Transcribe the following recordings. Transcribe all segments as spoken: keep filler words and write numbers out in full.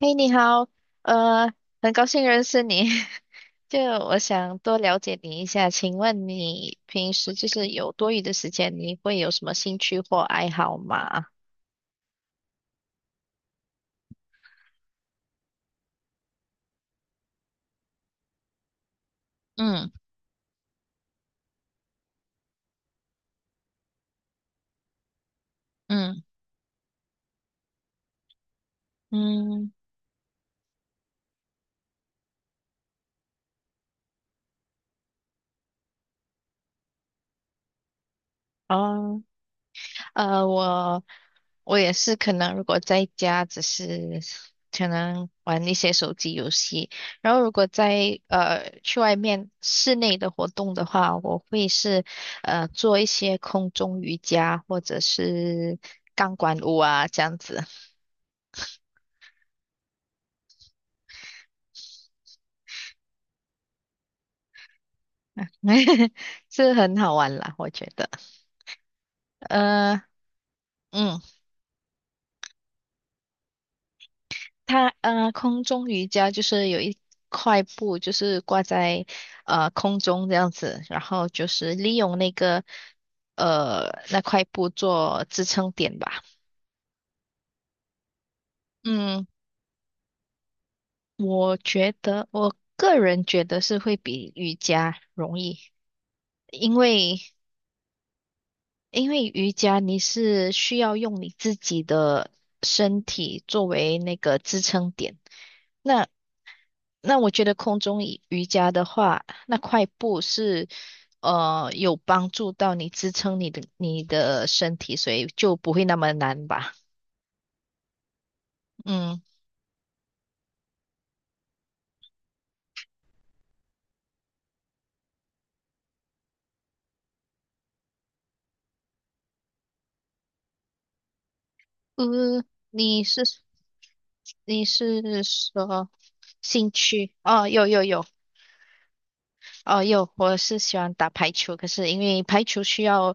嘿，你好，呃，很高兴认识你。就我想多了解你一下，请问你平时就是有多余的时间，你会有什么兴趣或爱好吗？嗯嗯嗯，哦。呃，我我也是，可能如果在家只是可能玩一些手机游戏，然后如果在呃去外面室内的活动的话，我会是呃做一些空中瑜伽或者是钢管舞啊这样子，是很好玩啦，我觉得。呃，嗯。它呃，空中瑜伽就是有一块布，就是挂在呃空中这样子，然后就是利用那个呃那块布做支撑点吧。嗯，我觉得我个人觉得是会比瑜伽容易，因为因为瑜伽你是需要用你自己的身体作为那个支撑点。那那我觉得空中瑜瑜伽的话，那块布是呃有帮助到你支撑你的你的身体，所以就不会那么难吧？嗯，呃，你是你是说兴趣？哦，有有有，哦有，我是喜欢打排球，可是因为排球需要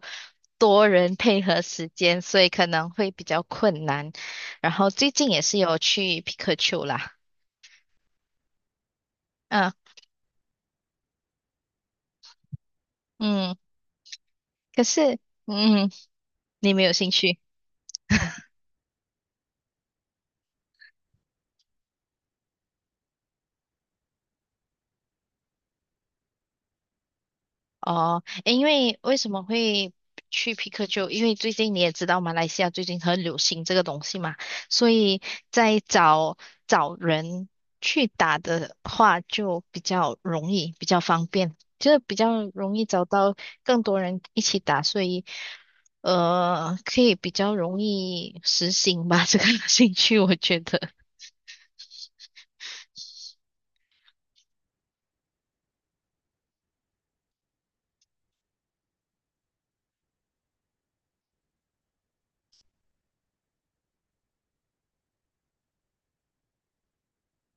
多人配合时间，所以可能会比较困难。然后最近也是有去皮克球啦，嗯嗯，可是。嗯，你没有兴趣哦？诶，因为为什么会去皮克球？因为最近你也知道，马来西亚最近很流行这个东西嘛，所以在找找人去打的话，就比较容易，比较方便，就是比较容易找到更多人一起打，所以呃，可以比较容易实行吧，这个 兴趣，我觉得。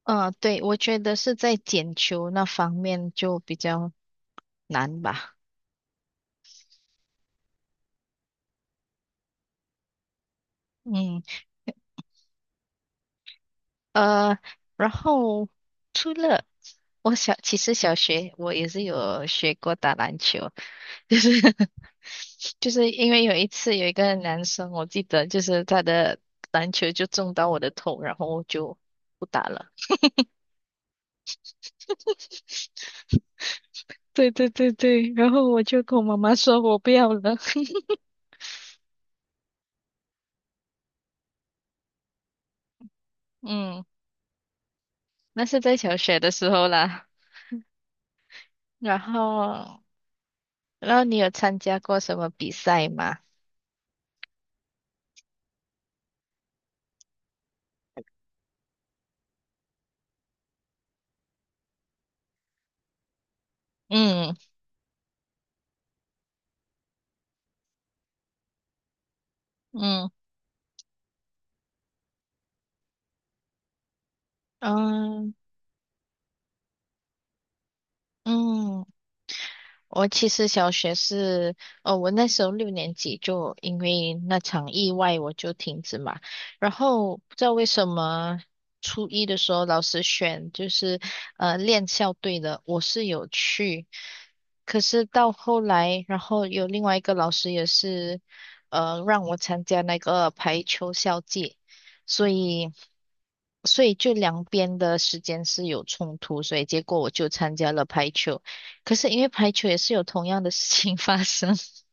嗯，对，我觉得是在捡球那方面就比较难吧。嗯。呃，然后除了我小，其实小学我也是有学过打篮球，就是 就是因为有一次有一个男生，我记得就是他的篮球就中到我的头，然后我就不打了。对对对对，然后我就跟我妈妈说我不要了。嗯，那是在小学的时候啦。然后，然后你有参加过什么比赛吗？嗯嗯嗯嗯。我其实小学是，哦，我那时候六年级就因为那场意外我就停止嘛，然后不知道为什么初一的时候老师选就是呃练校队的，我是有去，可是到后来，然后有另外一个老师也是呃让我参加那个排球校际，所以。所以就两边的时间是有冲突，所以结果我就参加了排球。可是因为排球也是有同样的事情发生，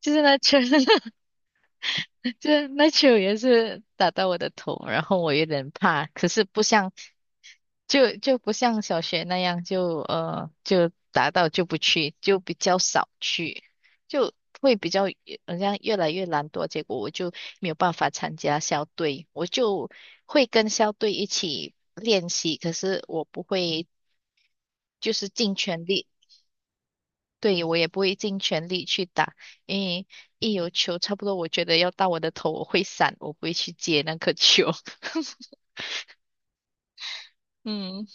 就是那球，就是那球也是打到我的头，然后我有点怕，可是不像就就不像小学那样就呃就打到就不去，就比较少去，就会比较好像越来越懒惰，结果我就没有办法参加校队，我就会跟校队一起练习，可是我不会就是尽全力。对，我也不会尽全力去打，因为一有球，差不多我觉得要到我的头，我会闪，我不会去接那颗球。嗯，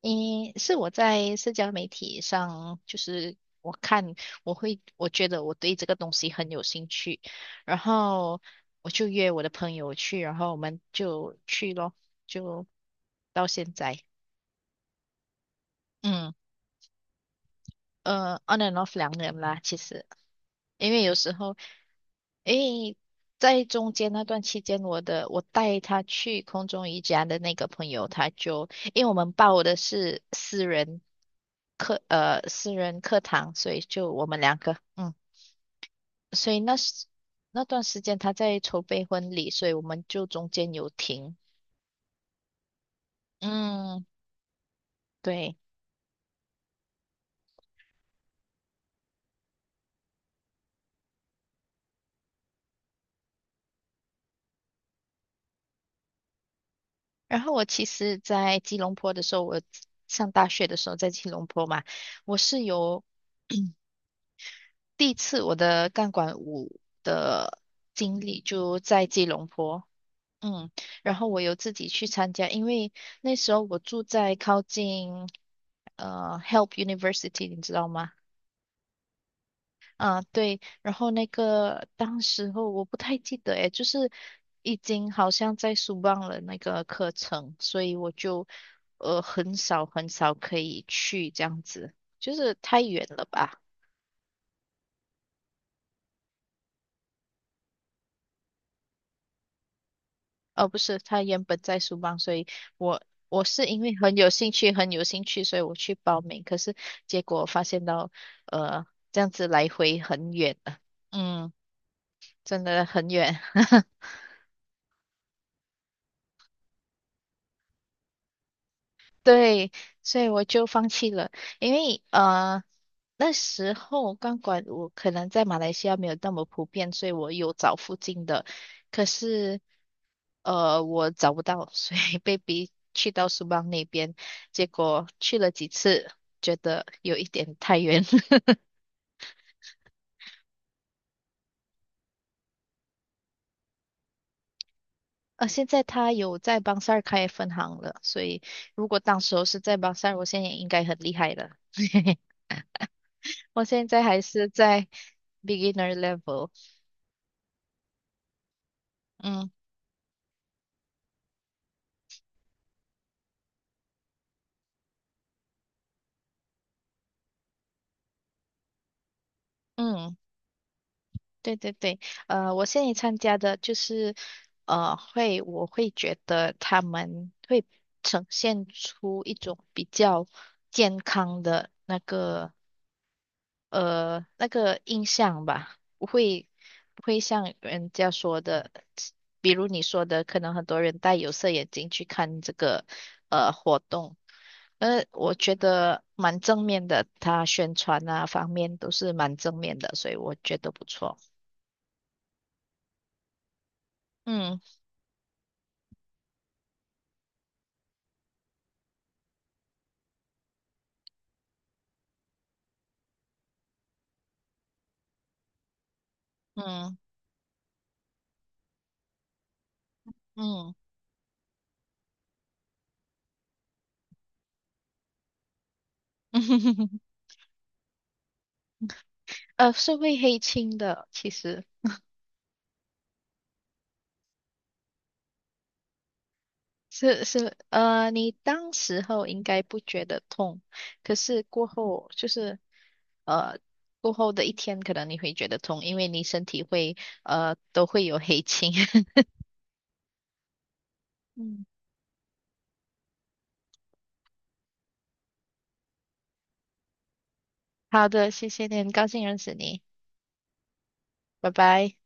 因是我在社交媒体上，就是我看，我会，我觉得我对这个东西很有兴趣，然后我就约我的朋友去，然后我们就去咯，就到现在，嗯，呃，on and off 两年啦，其实。因为有时候，诶，在中间那段期间，我的我带他去空中瑜伽的那个朋友，他就因为我们报的是私人课，呃，私人课堂，所以就我们两个，嗯，所以那时那段时间他在筹备婚礼，所以我们就中间有停，嗯，对。然后我其实，在吉隆坡的时候，我上大学的时候在吉隆坡嘛，我是有。第一次我的钢管舞的经历就在吉隆坡，嗯，然后我有自己去参加，因为那时候我住在靠近呃 Help University，你知道吗？啊，对，然后那个当时候我不太记得诶，就是已经好像在书忘了那个课程，所以我就呃很少很少可以去这样子，就是太远了吧。哦，不是，他原本在书邦，所以我我是因为很有兴趣，很有兴趣，所以我去报名。可是结果发现到，呃，这样子来回很远啊嗯，真的很远。对，所以我就放弃了，因为呃那时候钢管我可能在马来西亚没有那么普遍，所以我有找附近的，可是呃我找不到，所以 被逼去到苏邦那边，结果去了几次，觉得有一点太远。呃，现在他有在邦塞尔开分行了，所以如果当时候是在邦塞尔我现在也应该很厉害了。我现在还是在 beginner level。嗯。嗯，对对对，呃，我现在参加的就是，呃，会我会觉得他们会呈现出一种比较健康的那个呃那个印象吧，不会不会像人家说的，比如你说的，可能很多人戴有色眼镜去看这个呃活动，呃，我觉得蛮正面的，他宣传啊方面都是蛮正面的，所以我觉得不错。嗯嗯嗯，呃，是会黑青的，其实是是呃，你当时候应该不觉得痛，可是过后就是呃，过后的一天可能你会觉得痛，因为你身体会呃都会有黑青。嗯，好的，谢谢你，很高兴认识你，拜拜。